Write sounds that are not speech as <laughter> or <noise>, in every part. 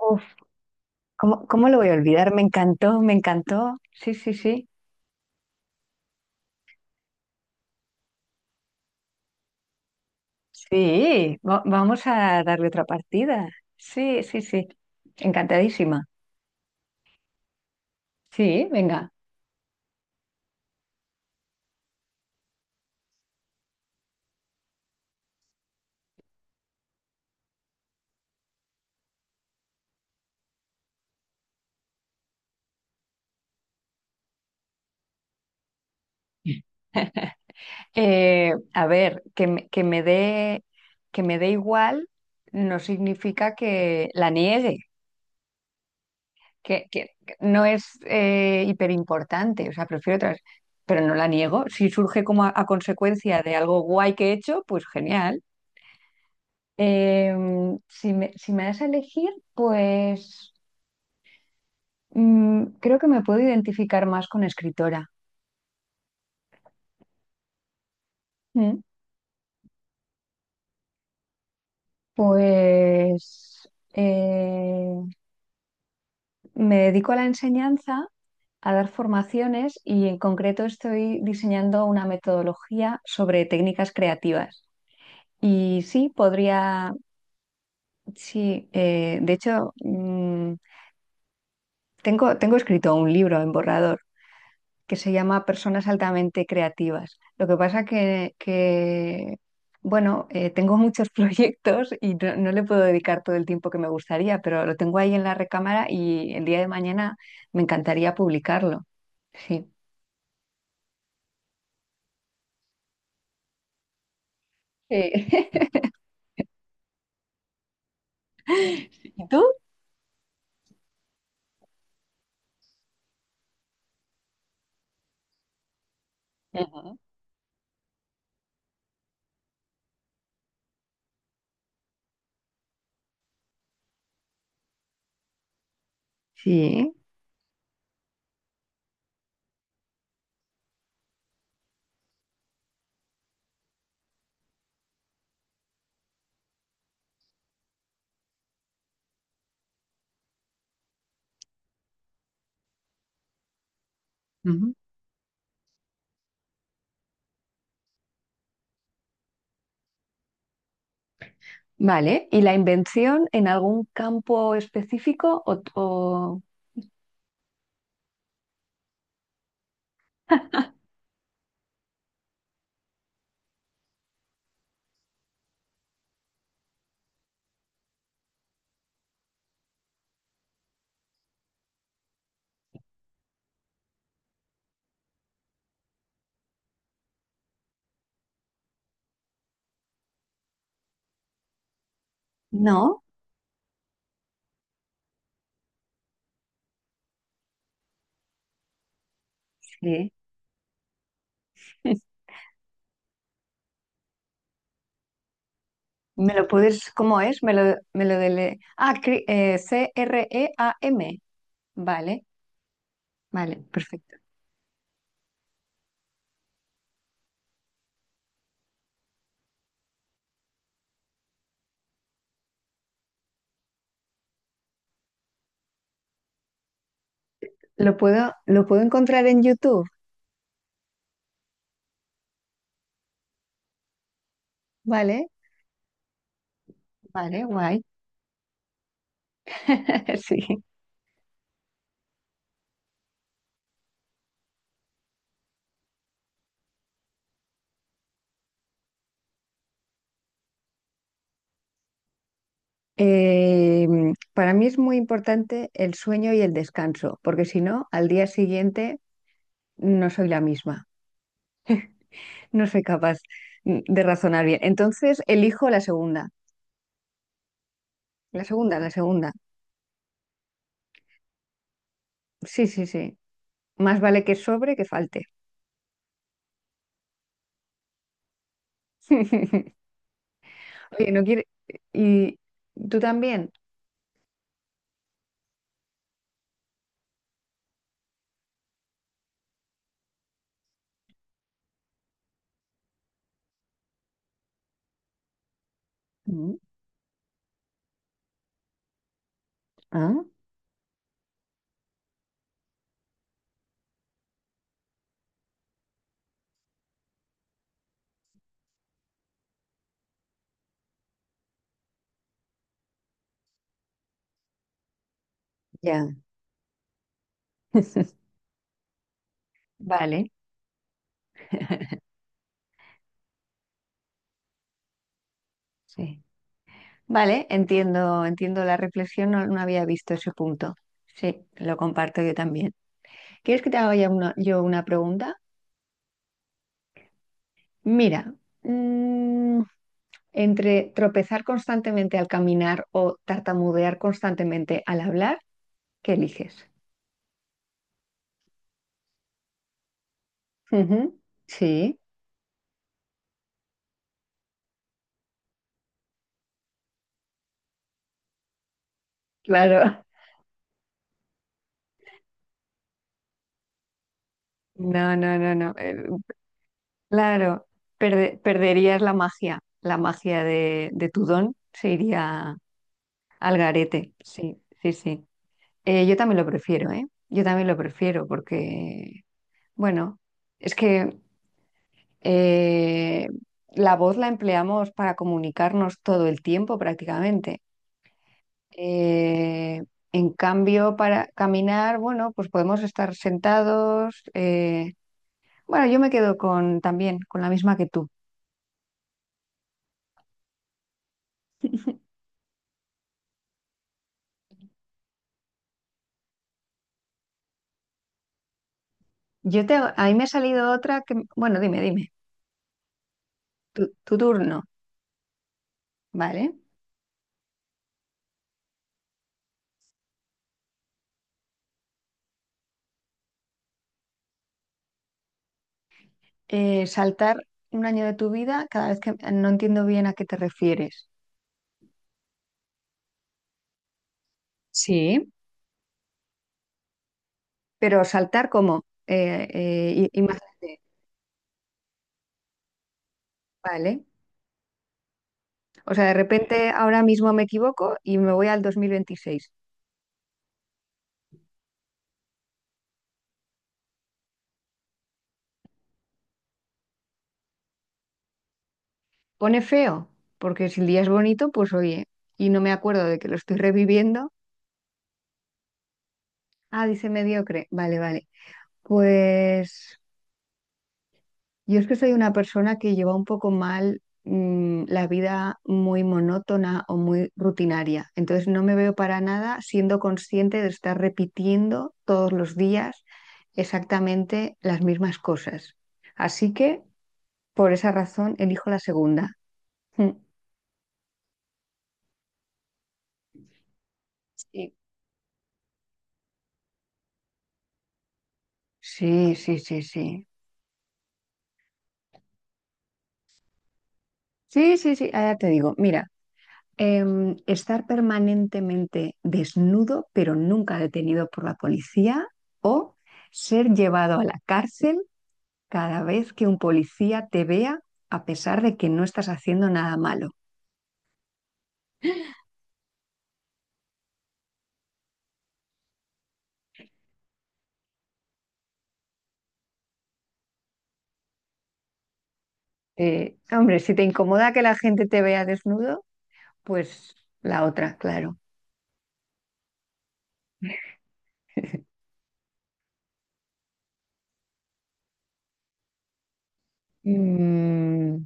Uf, ¿cómo, cómo lo voy a olvidar? Me encantó, me encantó. Sí, sí, sí. Sí, vamos a darle otra partida. Sí, sí, sí. Encantadísima. Sí, venga. A ver, que me dé igual no significa que la niegue, que no es hiperimportante, o sea, prefiero otras, pero no la niego. Si surge como a consecuencia de algo guay que he hecho, pues genial. Si me das a elegir, pues creo que me puedo identificar más con escritora. Mm. Pues eh, me dedico a la enseñanza, a dar formaciones y en concreto estoy diseñando una metodología sobre técnicas creativas. Y sí, podría, sí, de hecho, mm, tengo escrito un libro en borrador que se llama Personas altamente creativas. Lo que pasa que, bueno, tengo muchos <laughs> proyectos y no, no le puedo dedicar todo el tiempo que me gustaría, pero lo tengo ahí en la recámara y el día de mañana me encantaría publicarlo. Sí. Sí. <laughs> ¿Y tú? Ujú. Sí. Ujú. Vale. ¿Y la invención en algún campo específico o, no? Sí. <laughs> ¿Me lo puedes, cómo es? Me lo, Ah, Cream. Vale, vale, perfecto. Lo puedo encontrar en YouTube, ¿vale? Vale, guay. <laughs> Sí. Eh, para mí es muy importante el sueño y el descanso, porque si no, al día siguiente no soy la misma, no soy capaz de razonar bien. Entonces, elijo la segunda, la segunda, la segunda. Sí, sí, sí. Más vale que sobre que falte. <laughs> Oye, no quiere... ¿Y tú también? Mm. Ah, ya. Vale. <laughs> Sí. Vale, entiendo, entiendo la reflexión, no, no había visto ese punto. Sí, lo comparto yo también. ¿Quieres que te haga ya yo una pregunta? Mira, mm, entre tropezar constantemente al caminar o tartamudear constantemente al hablar, ¿qué eliges? Ujú. Sí, claro. No, no, no, no. Claro, perderías la magia de tu don se iría al garete. Sí, sí, sí. Yo también lo prefiero, ¿eh? Yo también lo prefiero porque, bueno, es que eh, la voz la empleamos para comunicarnos todo el tiempo prácticamente. Eh, en cambio, para caminar, bueno, pues podemos estar sentados. Bueno, yo me quedo con también con la misma que tú. A mí me ha salido otra que, bueno, dime, dime, tu turno, ¿vale? Saltar un año de tu vida, cada vez que no entiendo bien a qué te refieres. Sí, pero saltar como imagínate, vale. O sea, de repente ahora mismo me equivoco y me voy al 2026. Pone feo, porque si el día es bonito, pues oye, y no me acuerdo de que lo estoy reviviendo. Ah, dice mediocre. Vale, vale. Pues yo es que soy una persona que lleva un poco mal la vida muy monótona o muy rutinaria. Entonces no me veo para nada siendo consciente de estar repitiendo todos los días exactamente las mismas cosas. Así que por esa razón elijo la segunda. Mm. Sí. <laughs> Sí, sí, sí, sí. Sí, sí, sí, ah, ya te digo. Mira. Estar permanentemente desnudo, pero nunca detenido por la policía, o ser llevado a la cárcel cada vez que un policía te vea, a pesar de que no estás haciendo nada malo. Hombre, si te incomoda que la gente te vea desnudo, pues la otra, claro. Mm,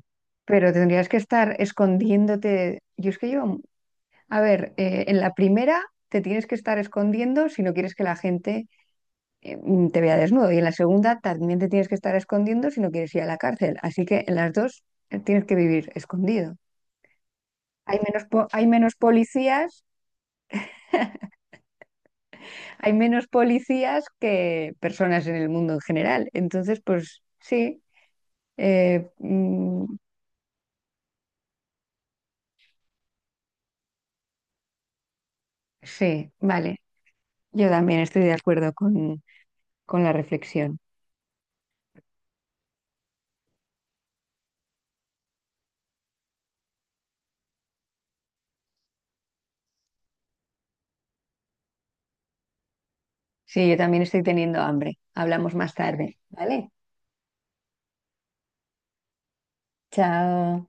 pero tendrías que estar escondiéndote. Yo es que yo, a ver, en la primera te tienes que estar escondiendo si no quieres que la gente te vea desnudo. Y en la segunda también te tienes que estar escondiendo si no quieres ir a la cárcel. Así que en las dos tienes que vivir escondido. Hay menos, hay menos policías que personas en el mundo en general. Entonces, pues sí, eh, mm, sí, vale. Yo también estoy de acuerdo con la reflexión. Sí, yo también estoy teniendo hambre. Hablamos más tarde, ¿vale? Chao.